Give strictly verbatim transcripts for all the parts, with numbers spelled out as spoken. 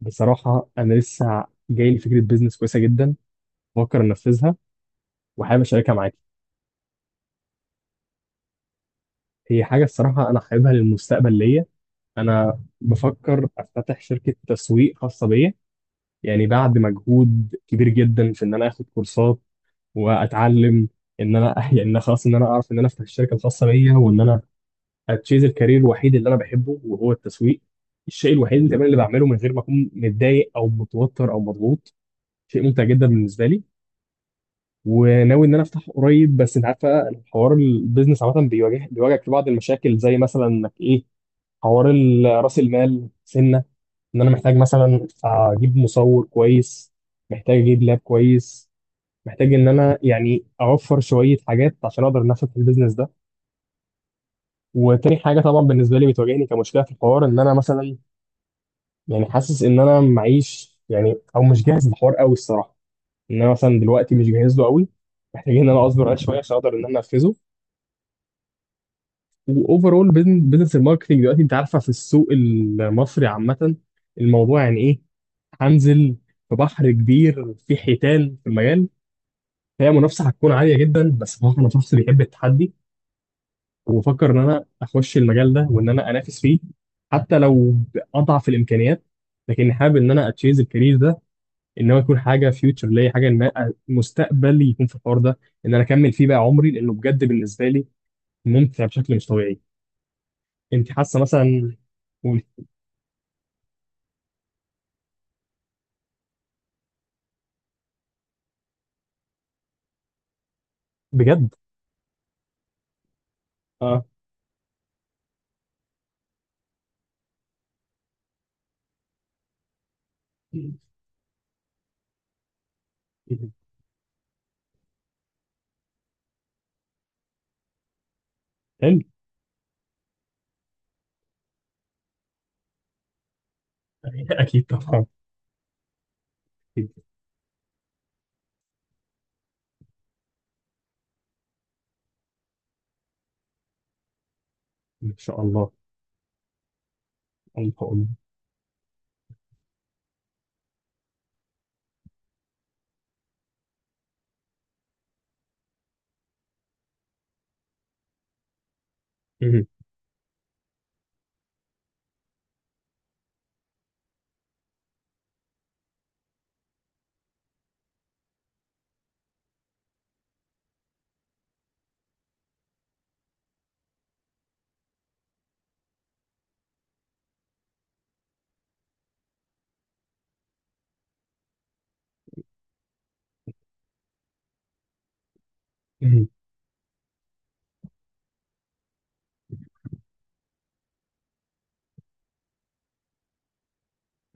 بصراحة أنا لسه جاي لي فكرة بيزنس كويسة جدا، بفكر أنفذها وحابب أشاركها معاكي. هي حاجة الصراحة أنا حاببها للمستقبل ليا. أنا بفكر أفتتح شركة تسويق خاصة بيا، يعني بعد مجهود كبير جدا في إن أنا آخد كورسات وأتعلم، إن أنا يعني إن أنا خلاص، إن أنا أعرف إن أنا أفتح الشركة الخاصة بيا وإن أنا أتشيز الكارير الوحيد اللي أنا بحبه، وهو التسويق. الشيء الوحيد اللي كمان اللي بعمله من غير ما أكون متضايق أو متوتر أو مضغوط، شيء ممتع جدا بالنسبة لي. وناوي ان انا افتح قريب، بس انت عارفه الحوار البيزنس عامه بيواجه بيواجهك في بعض المشاكل، زي مثلا انك ايه، حوار ال- راس المال سنه. ان انا محتاج مثلا اجيب مصور كويس، محتاج اجيب لاب كويس، محتاج ان انا يعني اوفر شويه حاجات عشان اقدر انافس في البيزنس ده. وتاني حاجه طبعا بالنسبه لي بتواجهني كمشكله في الحوار، ان انا مثلا يعني حاسس ان انا معيش يعني، او مش جاهز للحوار قوي الصراحه. ان انا مثلا دلوقتي مش جاهز له قوي، محتاجين ان انا اصبر عليه شويه عشان اقدر ان انا انفذه. واوفرول بزنس الماركتنج دلوقتي، انت عارفه في السوق المصري عامه الموضوع يعني ايه. هنزل في بحر كبير، في حيتان في المجال، هي منافسه هتكون عاليه جدا، بس بصراحه انا شخص بيحب التحدي. وبفكر ان انا اخش المجال ده وان انا انافس فيه، حتى لو باضعف الامكانيات، لكن حابب ان انا اتشيز الكارير ده، ان هو يكون حاجه فيوتشر ليا، حاجه ان أنا مستقبلي يكون في الحوار ده، ان انا اكمل فيه بقى عمري، لانه بجد بالنسبه لي ممتع بشكل مش طبيعي. انت حاسه مثلا؟ بجد. اه حلو. اكيد طبعا، اه. أكيد. ان شاء الله. الله اقول. مهم. مهم.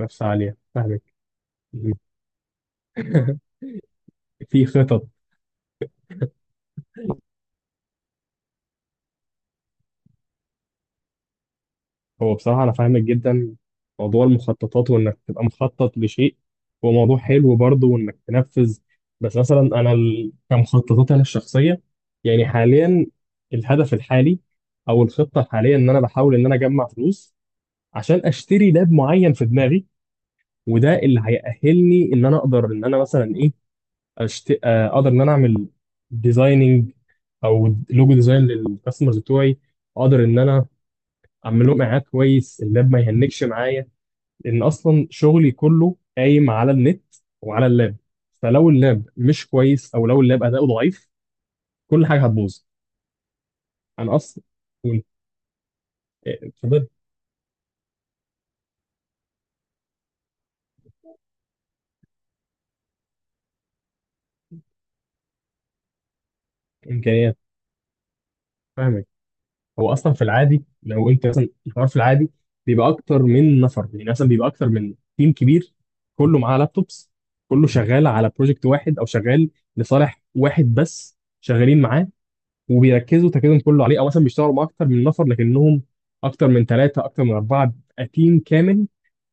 نفس عاليه، فاهمك. مهم. في خطط. هو بصراحه انا فاهمك جدا موضوع المخططات، وانك تبقى مخطط لشيء هو موضوع حلو برضه، وانك تنفذ. بس مثلا انا ال... كمخططات انا الشخصيه، يعني حاليا الهدف الحالي او الخطه الحاليه، ان انا بحاول ان انا اجمع فلوس عشان اشتري لاب معين في دماغي. وده اللي هيأهلني ان انا اقدر ان انا مثلا ايه، أشت... آه، اقدر ان انا اعمل ديزايننج او لوجو ديزاين للكاستمرز بتوعي. اقدر ان انا اعمل لهم اعاد كويس، اللاب ما يهنكش معايا، لان اصلا شغلي كله قايم على النت وعلى اللاب. فلو اللاب مش كويس او لو اللاب اداؤه ضعيف، كل حاجه هتبوظ. انا اصلا اتفضل. امكانيات، فاهم. هو اصلا في العادي لو انت مثلا الحوار في العادي، بيبقى اكتر من نفر، يعني مثلا بيبقى اكتر من تيم كبير، كله معاه لابتوبس، كله شغال على بروجكت واحد، او شغال لصالح واحد بس شغالين معاه وبيركزوا تركيزهم كله عليه. او مثلا بيشتغلوا مع اكتر من نفر لكنهم اكتر من ثلاثه، اكتر من اربعه، بيبقى تيم كامل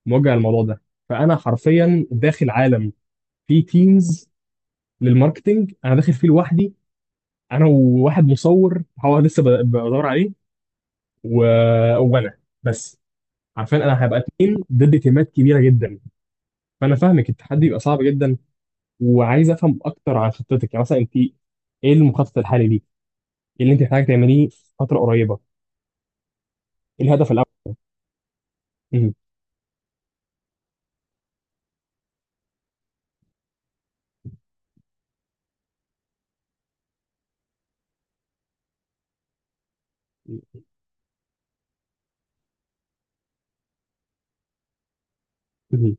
موجه للموضوع ده. فانا حرفيا داخل عالم فيه تيمز للماركتنج، انا داخل فيه لوحدي، انا وواحد مصور هو لسه ب- بدور عليه و... وانا بس. عارفين انا هبقى اتنين ضد تيمات كبيره جدا، فانا فاهمك التحدي بيبقى صعب جدا. وعايز افهم اكتر عن خطتك، يعني مثلا انت ايه المخطط الحالي ليك؟ ايه اللي انت محتاجه تعمليه في فتره قريبه؟ ايه الهدف الاول؟ مم. مم.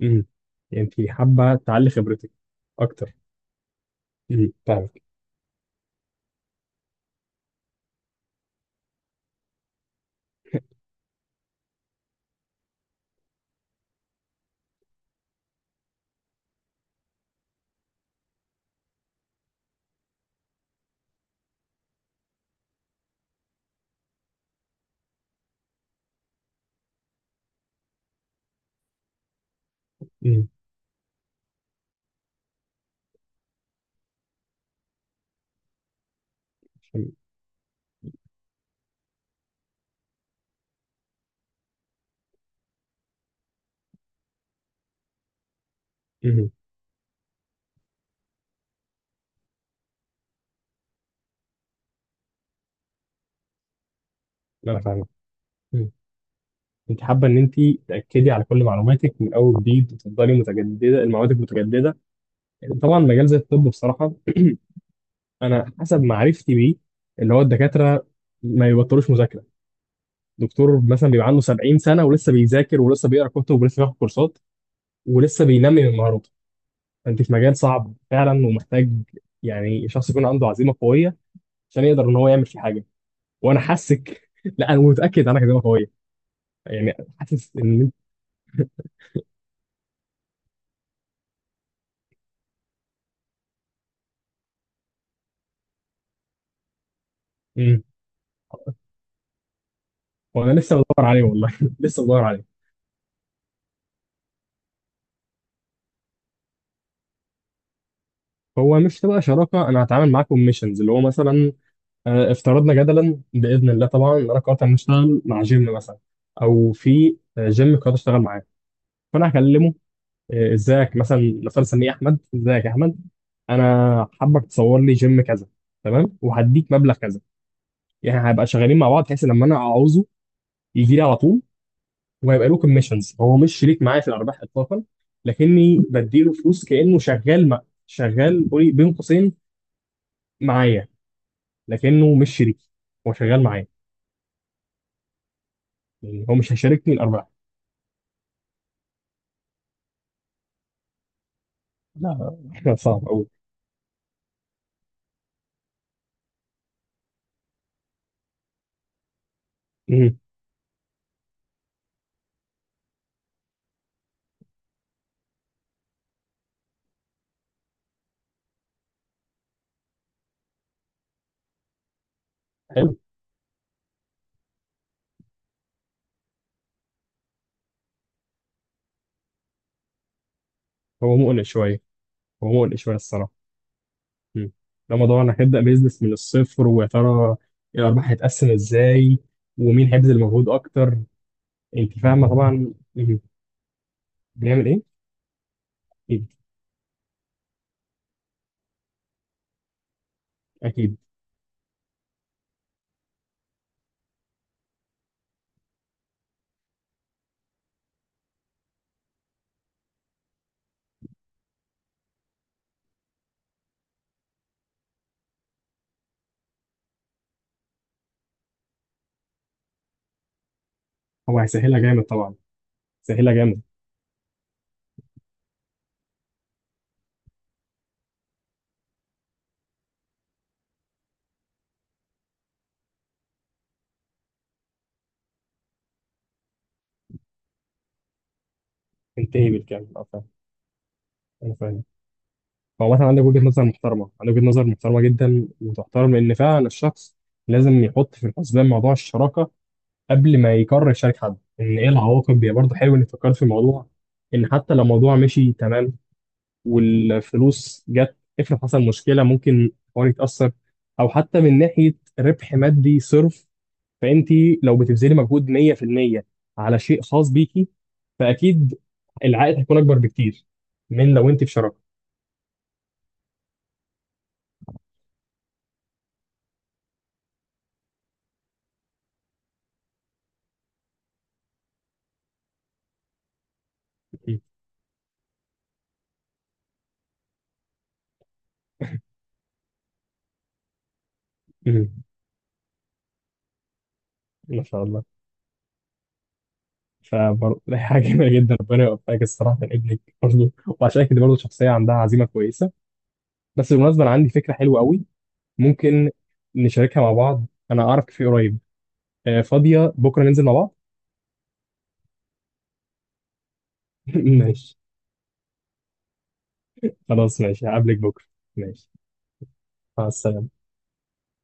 مم. يعني انت حابه تعلي خبرتك اكتر. مم. فاهمك. مم. فاهم. مم. انا فاهمك. مم. انت حابه ان انت تاكدي على كل معلوماتك من اول وجديد، وتفضلي متجدده المعلومات متجدده. طبعا مجال زي الطب بصراحه، انا حسب معرفتي بيه، اللي هو الدكاتره ما يبطلوش مذاكره. دكتور مثلا بيبقى عنده سبعين سنه ولسه بيذاكر، ولسه بيقرا كتب، ولسه بياخد كورسات، ولسه بينمي من مهاراته. فانت في مجال صعب فعلا، ومحتاج يعني شخص يكون عنده عزيمه قويه عشان يقدر ان هو يعمل فيه حاجه. وانا حاسك لا، انا متاكد عنك عزيمه قويه، يعني حاسس ان. امم. وانا لسه بدور عليه والله، لسه بدور عليه. هو مش تبقى شراكه، انا هتعامل معاكم ميشنز، اللي هو مثلا آه، افترضنا جدلا باذن الله طبعا ان انا قررت ان اشتغل مع جيم مثلا، او في آه، جيم قررت اشتغل معاه، فانا هكلمه آه، ازيك مثلا، نفترض اسميه احمد، ازيك يا احمد، انا حابك تصور لي جيم كذا، تمام وهديك مبلغ كذا. يعني هيبقى شغالين مع بعض بحيث لما انا اعوزه يجي لي على طول، وهيبقى له كوميشنز، هو مش شريك معايا في الارباح اطلاقا، لكني بديله فلوس كانه شغال مع، شغال قولي بين قوسين معايا، لكنه مش شريك، هو شغال معايا. يعني هو مش هيشاركني الارباح. لا، لا، صعب أوي. مم. حلو. هو مقلق شويه، هو مقلق شويه الصراحه. مم. ده موضوع انك هتبدا بيزنس من الصفر، ويا ترى الارباح هتتقسم ازاي، ومين هيبذل مجهود اكتر. انت فاهمه طبعا. مم. بيعمل ايه؟ اكيد. اكيد. هو هيسهلها جامد طبعا، سهلها جامد. انتهي بالكلام، اه فاهم. انا فاهم. هو مثلا عندك وجهه نظر محترمه، عندك وجهه نظر محترمه جدا وتحترم، لان فعلا الشخص لازم يحط في الحسبان موضوع الشراكه قبل ما يقرر يشارك حد، ان ايه العواقب. هي برضه حلو انك فكرت في الموضوع، ان حتى لو الموضوع مشي تمام والفلوس جت، افرض حصل مشكله ممكن الحوار يتاثر، او حتى من ناحيه ربح مادي صرف. فانت لو بتبذلي مجهود مية في المية على شيء خاص بيكي، فاكيد العائد هيكون اكبر بكتير من لو انت في شراكه. أمم. ما شاء الله. فبرضه ده حاجه جميله جدا، ربنا يوفقك الصراحه من ابنك برضه. وعشان كده برضه شخصيه عندها عزيمه كويسه. بس بالمناسبة أنا عندي فكرة حلوة قوي، ممكن نشاركها مع بعض. أنا أعرف كافيه قريب، آه، فاضية بكرة ننزل مع بعض؟ ماشي. خلاص ماشي، هقابلك بكرة. ماشي. مع السلامة.